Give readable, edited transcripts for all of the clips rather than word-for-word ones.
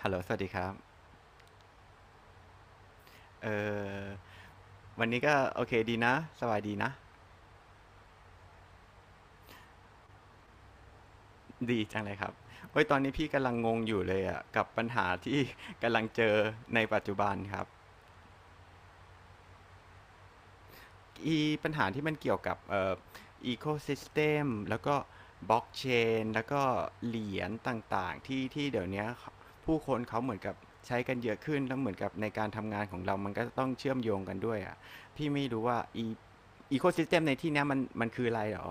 ฮัลโหลสวัสดีครับเออวันนี้ก็โอเคดีนะสบายดีนะดีจังเลยครับเว้ยตอนนี้พี่กำลังงงอยู่เลยอ่ะกับปัญหาที่ กำลังเจอในปัจจุบันครับอีปัญหาที่มันเกี่ยวกับอีโคซิสเต็มแล้วก็บล็อกเชนแล้วก็เหรียญต่างๆที่เดี๋ยวเนี้ยผู้คนเขาเหมือนกับใช้กันเยอะขึ้นแล้วเหมือนกับในการทำงานของเรามันก็ต้องเชื่อมโยงกันด้วยอ่ะพี่ไม่รู้ว่าอีโคซิสเต็มในที่เนี้ยมันคืออะไรหรอ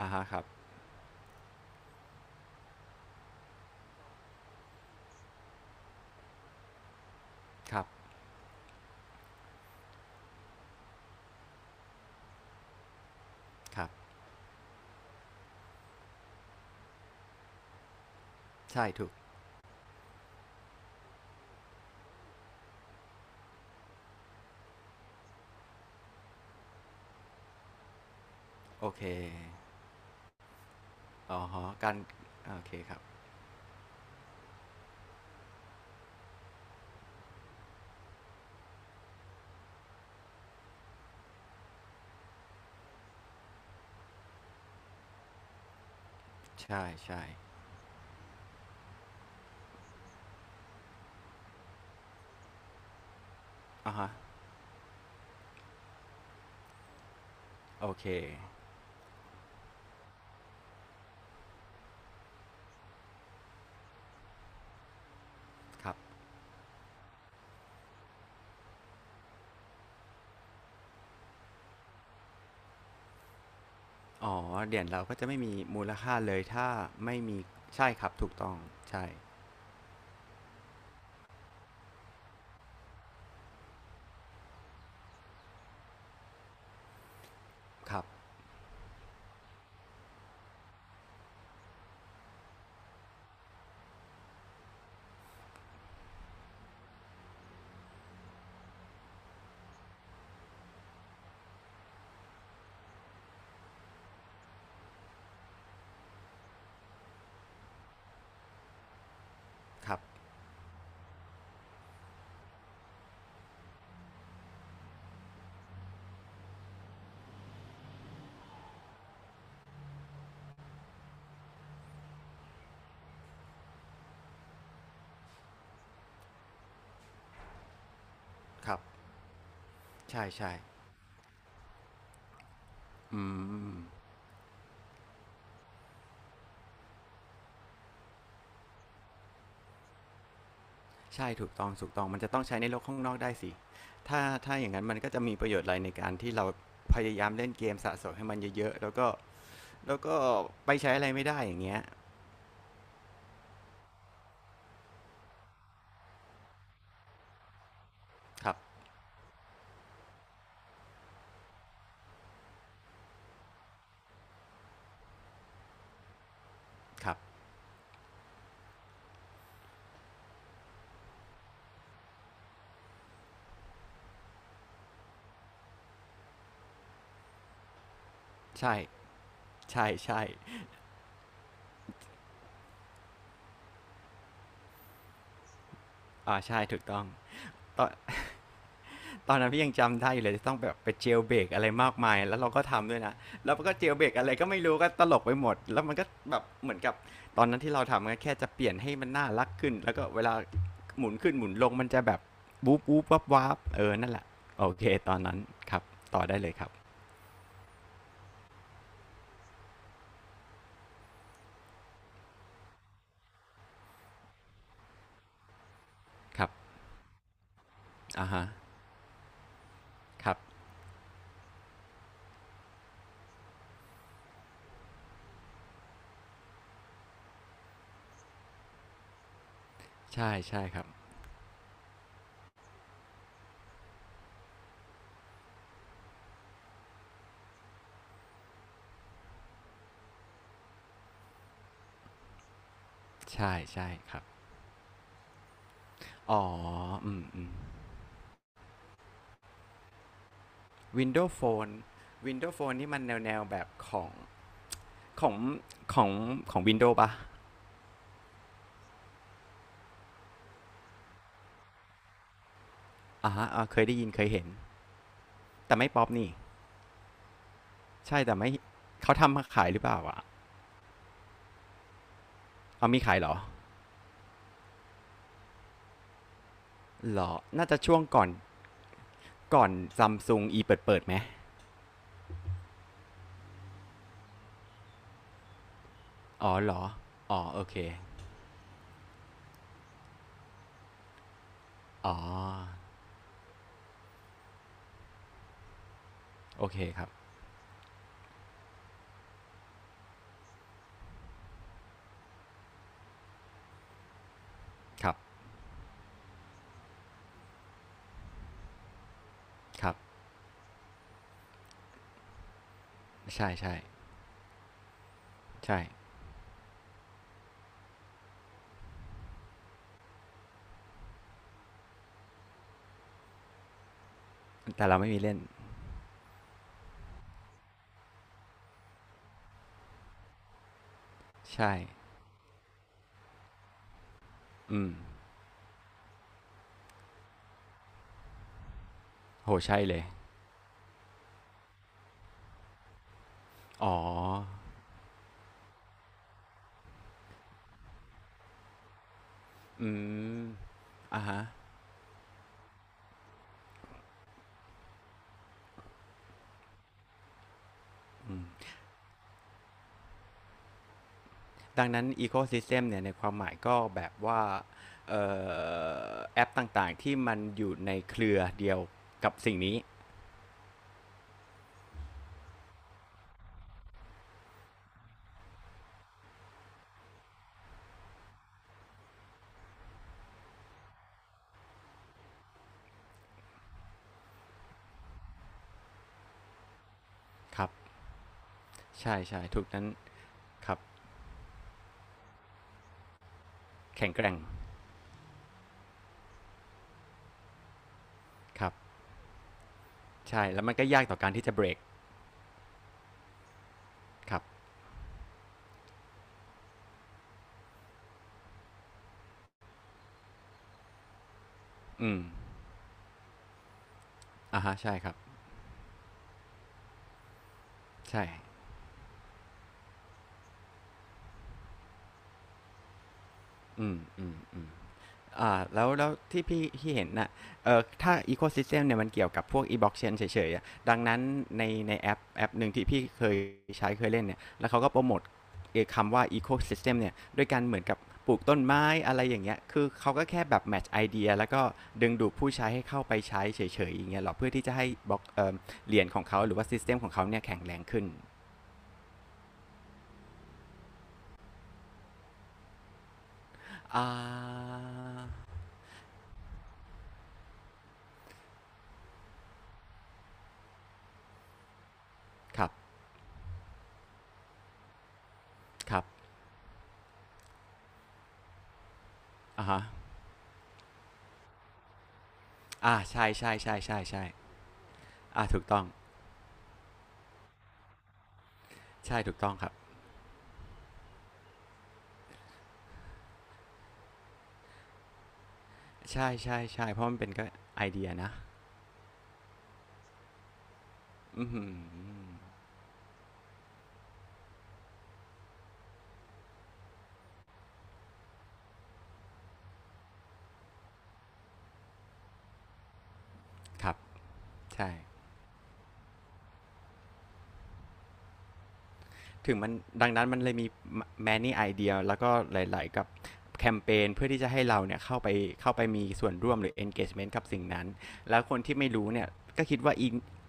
อ่าฮะครับ ครับครับใช่ถูกโอเคอ๋อฮะการโอเคครับใช่ ใช่อะฮะโอเคครับอ๋อเหรียญเราก็จะไม่มีมูลค่าเลยถ้าไม่มีใช่ครับถูกต้องใช่ครับครับครับใช่ใช่อืมใช่ถูกต้องถูกต้องมันจะต้องใช้ในโลกข้างนอกได้สิถ้าอย่างนั้นมันก็จะมีประโยชน์อะไรในการที่เราพยายามเล่นเกมสะสมให้มันเยอะๆแล้วก็แล้วก็ไปใช้อะไรไม่ได้อย่างเงี้ยครับครับใช่ ใช่ใช่ อ่าใช่ถูกต้อง ตอนนั้นพี่ยังจำได้อยู่เลยจะต้องแบบไปเจลเบรกอะไรมากมายแล้วเราก็ทำด้วยนะแล้วมันก็เจลเบรกอะไรก็ไม่รู้ก็ตลกไปหมดแล้วมันก็แบบเหมือนกับตอนนั้นที่เราทำก็แค่จะเปลี่ยนให้มันน่ารักขึ้นแล้วก็เวลาหมุนขึ้นหมุนลงมันจะแบบวูบวูบวับวับเออนั่นแหละโอเคตอนนั้นครับต่อได้เลยครับครับอ่าฮะครับใช่ใช่ครับใช่ใช่ครับอ๋ออืมอืม Windows Phone Windows Phone นี่มันแนวแนวแบบของ ของของของวินโดว์ปะอ่าฮะเคยได้ยินเคยเห็นแต่ไม่ป๊อปนี่ใช่แต่ไม่เขาทำมาขายหรือเปล่าอะเอามีขายเหรอเหรอน่าจะช่วงก่อนก่อนซัมซุงอีเปิดเปิดไหมอ๋อเหรออ๋อโอเคอ๋อโอเคครับครับครับใช่ใช่ใช่แต่เราไม่มีเล่นใช่อืมโหใช่เลยอ๋ออืมอ่ะฮะ ดังนั้น Ecosystem เนี่ยในความหมายก็แบบว่าเอแอปต่างๆที่มันอยู่ในเครือเดียวกับสิ่งนี้ครับใช่ใช่ถูกนั้นครับแข็งแกร่งครับใช่แล้วมันก็ยากต่อการที่จะเบรกครับอืมอ่าฮะใช่ครับใช่อืมอืมอืม อ่าแล้วที่พี่ที่เห็นน่ะเออถ้า ecosystem เนี่ยมันเกี่ยวกับพวก e-blockchain เฉยๆอะดังนั้นในในแอปหนึ่งที่พี่เคยใช้เคยเล่นเนี่ย แล้วเขาก็โปรโมทคำว่า ecosystem เนี่ยด้วยการเหมือนกับปลูกต้นไม้อะไรอย่างเงี้ย คือเขาก็แค่แบบ match idea แล้วก็ดึงดูดผู้ใช้ให้เข้าไปใช้เฉยๆอย่างเงี้ยหรอเพื่อที่จะให้บล็อกเหรียญของเขาหรือว่า system ของเขาเนี่ยแข็งแรงขึ้นอ่าครับครับอ่าฮะอ่าใช่ใช่ใช่ใช่ใช่อ่าถูกต้อง ใช่ถูกต้องครับ ใช่ใช่ใช่เพราะมันเป็นก็ไอเดียนะอือหือครับ ใช่ ถึงมันดังนั้นมันเลยมี many idea แล้วก็หลายๆ กับแคมเปญเพื่อที่จะให้เราเนี่ยเข้าไปมีส่วนร่วมหรือ engagement กับสิ่งนั้น แล้วคนที่ไม่รู้เนี่ย ก็คิดว่าอี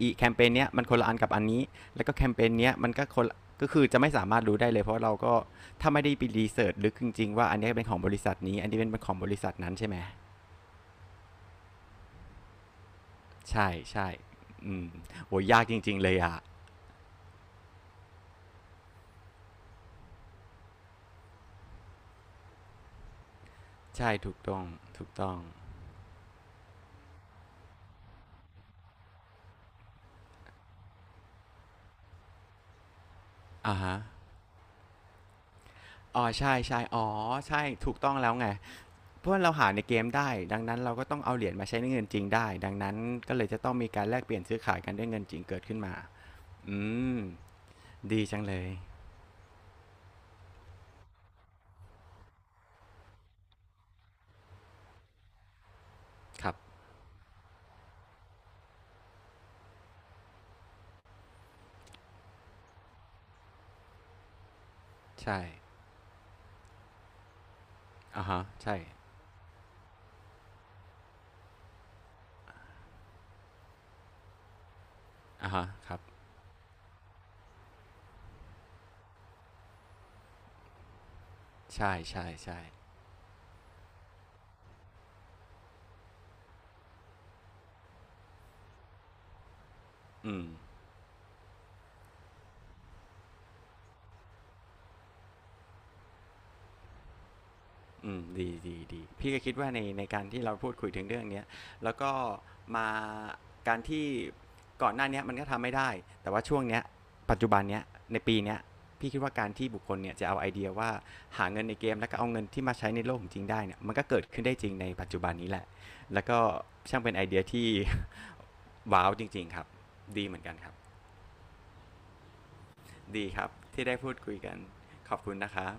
อีแคมเปญเนี้ยมันคนละอันกับอันนี้ แล้วก็แคมเปญเนี้ยมันก็คนละก็คือจะไม่สามารถรู้ได้เลย เพราะเราก็ถ้าไม่ได้ไปรีเสิร์ชลึกจริงๆว่าอันเนี้ยเป็นของบริษัทนี้อันนี้เป็นของบริษัทนั้นใช่ไหม ใช่ใช่อืมโหยากจริงๆเลยอ่ะใช่ถูกต้องถูกต้องอ่าฮะอ๋อใช่ใช่อ๋อใช่ถูกต้องแล้วไงเพราะว่าเราหาในเกมได้ ดังนั้นเราก็ต้องเอาเหรียญมาใช้ในเงินจริงได้ ดังนั้นก็เลยจะต้องมีการแลกเปลี่ยนซื้อขายกันด้วยเงินจริงเกิดขึ้นมาอืมดีจังเลยครับใช่อ่าฮะใช่อ่าฮะครับใช่ใช่ใช่อืม อืมดีดีดีพี่ก็คิดว่าในการที่เราพูดคุยถึงเรื่องเนี้ยแล้วก็มาการที่ก่อนหน้าเนี้ยมันก็ทำไม่ได้แต่ว่าช่วงเนี้ยปัจจุบันเนี้ยในปีเนี้ยพี่คิดว่าการที่บุคคลเนี่ยจะเอาไอเดียว่าหาเงินในเกมแล้วก็เอาเงินที่มาใช้ในโลกของจริงได้เนี่ยมันก็เกิดขึ้นได้จริงในปัจจุบันนี้แหละแล้วก็ช่างเป็นไอเดียที่ ว้าวจริงๆครับดีเหมือนกันครับดีครับที่ได้พูดคุยกันขอบคุณนะครับ